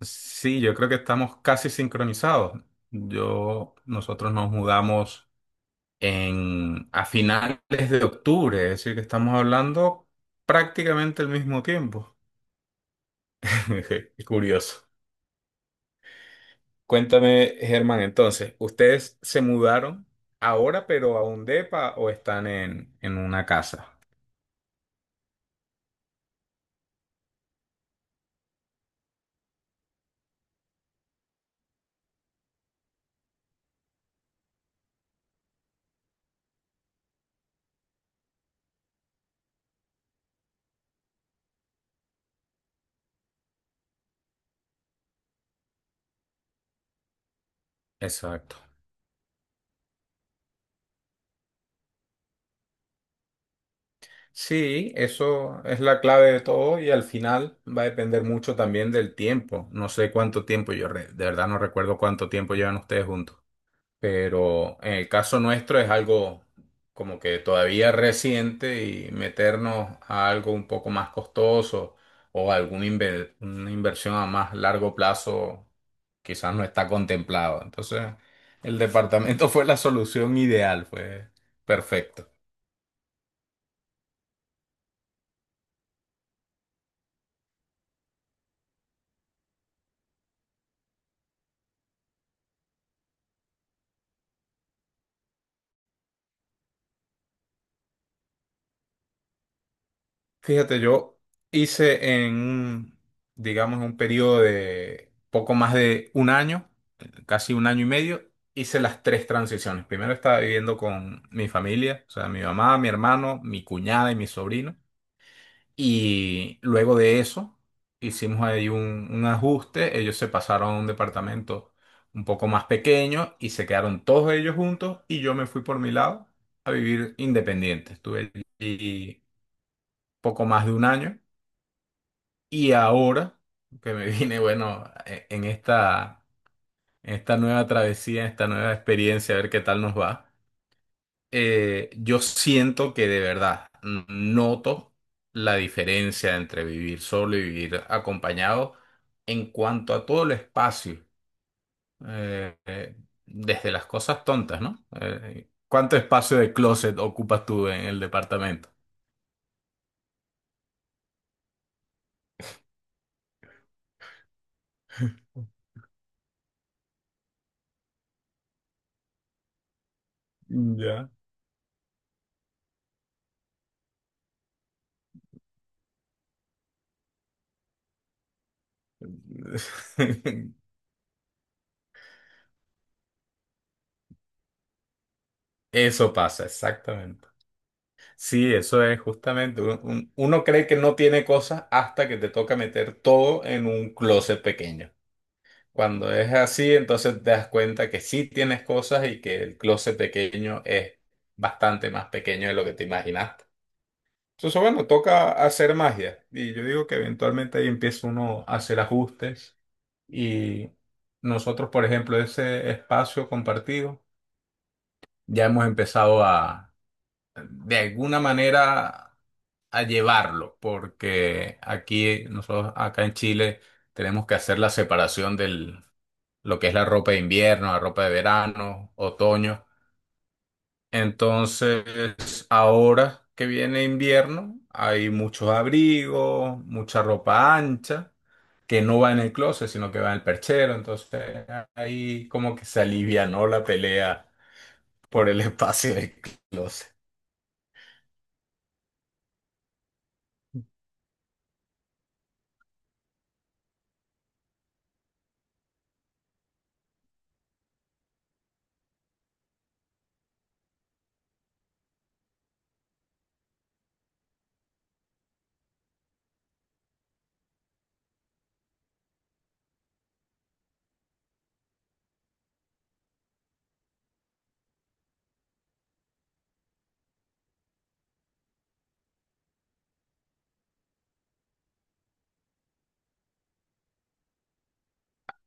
Sí, yo creo que estamos casi sincronizados. Nosotros nos mudamos a finales de octubre, es decir, que estamos hablando prácticamente al mismo tiempo. Qué curioso. Cuéntame, Germán, entonces, ¿ustedes se mudaron ahora, pero a un depa o están en una casa? Exacto. Sí, eso es la clave de todo y al final va a depender mucho también del tiempo. No sé cuánto tiempo, de verdad no recuerdo cuánto tiempo llevan ustedes juntos, pero en el caso nuestro es algo como que todavía reciente y meternos a algo un poco más costoso o una inversión a más largo plazo quizás no está contemplado. Entonces, el departamento fue la solución ideal, fue perfecto. Fíjate, yo hice digamos, un periodo de poco más de un año, casi un año y medio, hice las tres transiciones. Primero estaba viviendo con mi familia, o sea, mi mamá, mi hermano, mi cuñada y mi sobrino. Y luego de eso, hicimos ahí un ajuste. Ellos se pasaron a un departamento un poco más pequeño y se quedaron todos ellos juntos y yo me fui por mi lado a vivir independiente. Estuve allí poco más de un año. Y ahora que me vine, bueno, en esta nueva travesía, en esta nueva experiencia, a ver qué tal nos va, yo siento que de verdad noto la diferencia entre vivir solo y vivir acompañado en cuanto a todo el espacio, eh, eh, desde las cosas tontas, ¿no? ¿Cuánto espacio de closet ocupas tú en el departamento? Ya. Eso pasa, exactamente. Sí, eso es justamente. Uno cree que no tiene cosas hasta que te toca meter todo en un closet pequeño. Cuando es así, entonces te das cuenta que sí tienes cosas y que el closet pequeño es bastante más pequeño de lo que te imaginaste. Entonces, bueno, toca hacer magia. Y yo digo que eventualmente ahí empieza uno a hacer ajustes. Y nosotros, por ejemplo, ese espacio compartido, ya hemos empezado de alguna manera a llevarlo, porque aquí nosotros acá en Chile tenemos que hacer la separación del lo que es la ropa de invierno, la ropa de verano, otoño. Entonces, ahora que viene invierno, hay muchos abrigos, mucha ropa ancha, que no va en el closet, sino que va en el perchero. Entonces, ahí como que se alivianó la pelea por el espacio del closet.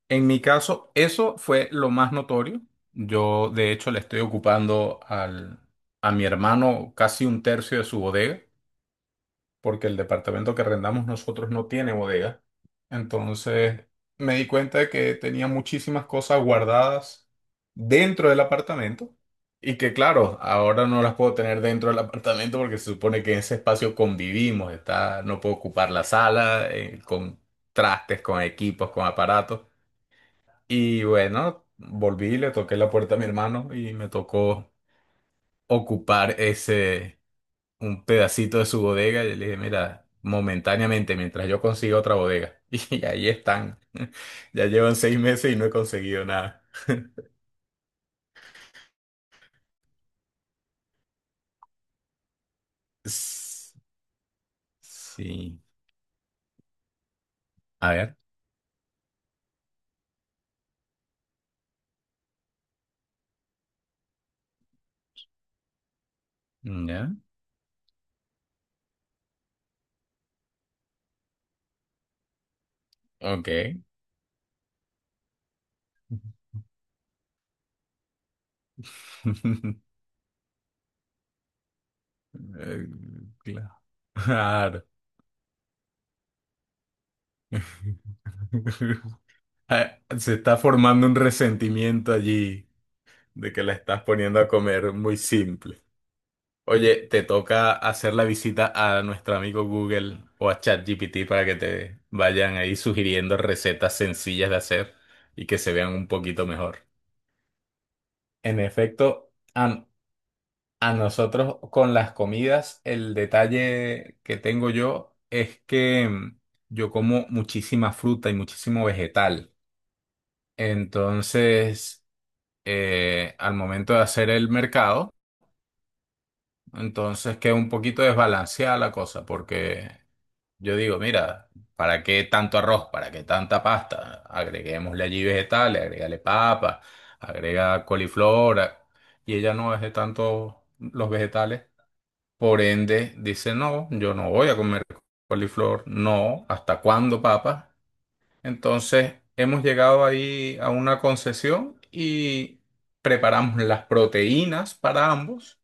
En mi caso, eso fue lo más notorio. Yo, de hecho, le estoy ocupando a mi hermano casi un tercio de su bodega, porque el departamento que arrendamos nosotros no tiene bodega. Entonces, me di cuenta de que tenía muchísimas cosas guardadas dentro del apartamento y que, claro, ahora no las puedo tener dentro del apartamento porque se supone que en ese espacio convivimos, está, no puedo ocupar la sala, con trastes, con equipos, con aparatos. Y bueno, volví, le toqué la puerta a mi hermano y me tocó ocupar un pedacito de su bodega. Y le dije, mira, momentáneamente, mientras yo consiga otra bodega. Y ahí están. Ya llevan 6 meses y no he conseguido nada. S- Sí. A ver. Ya. Ok. Eh, Claro. Claro. Ah, se está formando un resentimiento allí. De que la estás poniendo a comer muy simple. Oye, te toca hacer la visita a nuestro amigo Google o a ChatGPT para que te vayan ahí sugiriendo recetas sencillas de hacer y que se vean un poquito mejor. En efecto, a nosotros con las comidas, el detalle que tengo yo es que yo como muchísima fruta y muchísimo vegetal. Entonces, al momento de hacer el mercado, entonces que un poquito desbalanceada la cosa, porque yo digo, mira, ¿para qué tanto arroz? ¿Para qué tanta pasta? Agreguémosle allí vegetales, agrégale papa, agrega coliflor, y ella no es de tanto los vegetales. Por ende, dice, no, yo no voy a comer coliflor, no, ¿hasta cuándo papa? Entonces, hemos llegado ahí a una concesión y preparamos las proteínas para ambos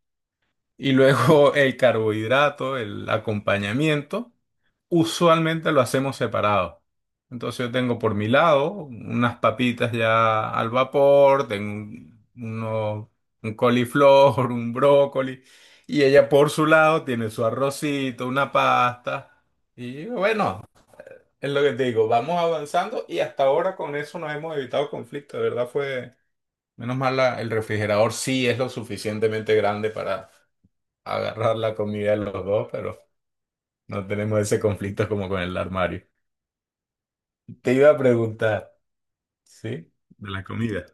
y luego el carbohidrato, el acompañamiento, usualmente lo hacemos separado. Entonces yo tengo por mi lado unas papitas ya al vapor, tengo un coliflor, un brócoli, y ella por su lado tiene su arrocito, una pasta. Y bueno, es lo que te digo, vamos avanzando y hasta ahora con eso nos hemos evitado conflictos. De verdad fue, menos mal el refrigerador sí es lo suficientemente grande para agarrar la comida de los dos, pero no tenemos ese conflicto como con el armario. Te iba a preguntar, ¿sí? De la comida.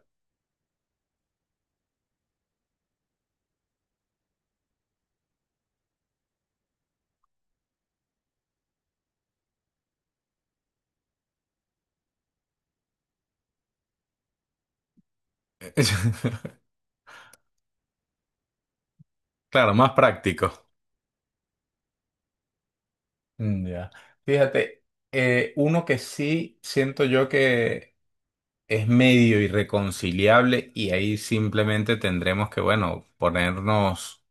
Claro, más práctico. Ya. Fíjate, uno que sí siento yo que es medio irreconciliable y ahí simplemente tendremos que, bueno, ponernos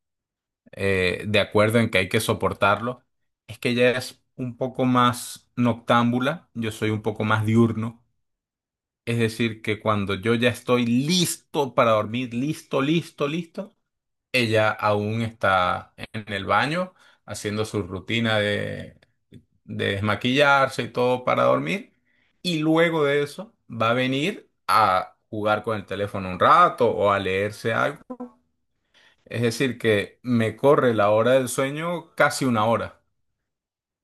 de acuerdo en que hay que soportarlo, es que ella es un poco más noctámbula, yo soy un poco más diurno. Es decir, que cuando yo ya estoy listo para dormir, listo, listo, listo, ella aún está en el baño haciendo su rutina de desmaquillarse y todo para dormir. Y luego de eso va a venir a jugar con el teléfono un rato o a leerse algo. Es decir, que me corre la hora del sueño casi una hora.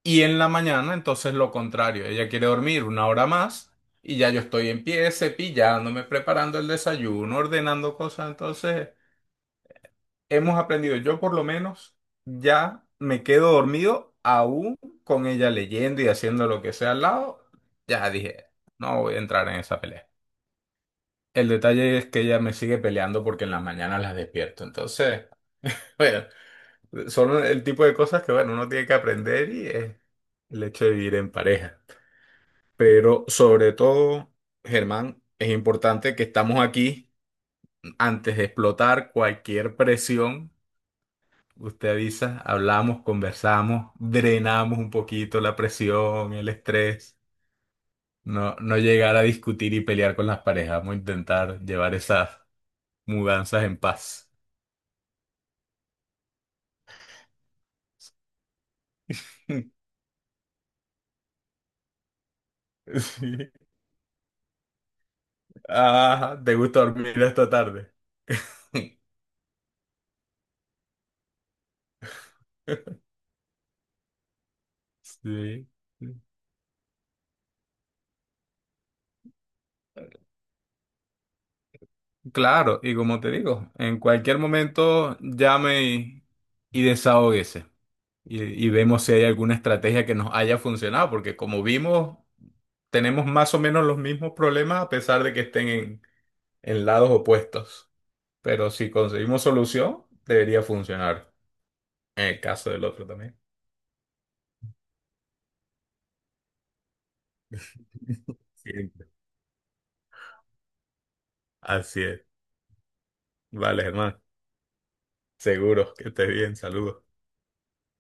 Y en la mañana, entonces lo contrario, ella quiere dormir una hora más y ya yo estoy en pie, cepillándome, preparando el desayuno, ordenando cosas. Entonces, hemos aprendido, yo por lo menos ya me quedo dormido aún con ella leyendo y haciendo lo que sea al lado. Ya dije, no voy a entrar en esa pelea. El detalle es que ella me sigue peleando porque en las mañanas las despierto. Entonces, bueno, son el tipo de cosas que, bueno, uno tiene que aprender y es el hecho de vivir en pareja. Pero sobre todo, Germán, es importante que estamos aquí antes de explotar cualquier presión. Usted avisa, hablamos, conversamos, drenamos un poquito la presión, el estrés. No llegar a discutir y pelear con las parejas. Vamos a intentar llevar esas mudanzas en paz. Sí. Ajá, ¿te gusta dormir esta tarde? Sí. Claro, y como te digo, en cualquier momento llame y desahóguese y vemos si hay alguna estrategia que nos haya funcionado, porque como vimos, tenemos más o menos los mismos problemas a pesar de que estén en lados opuestos. Pero si conseguimos solución, debería funcionar en el caso del otro también. Siempre. Así es. Vale, hermano. Seguro que estés bien. Saludos.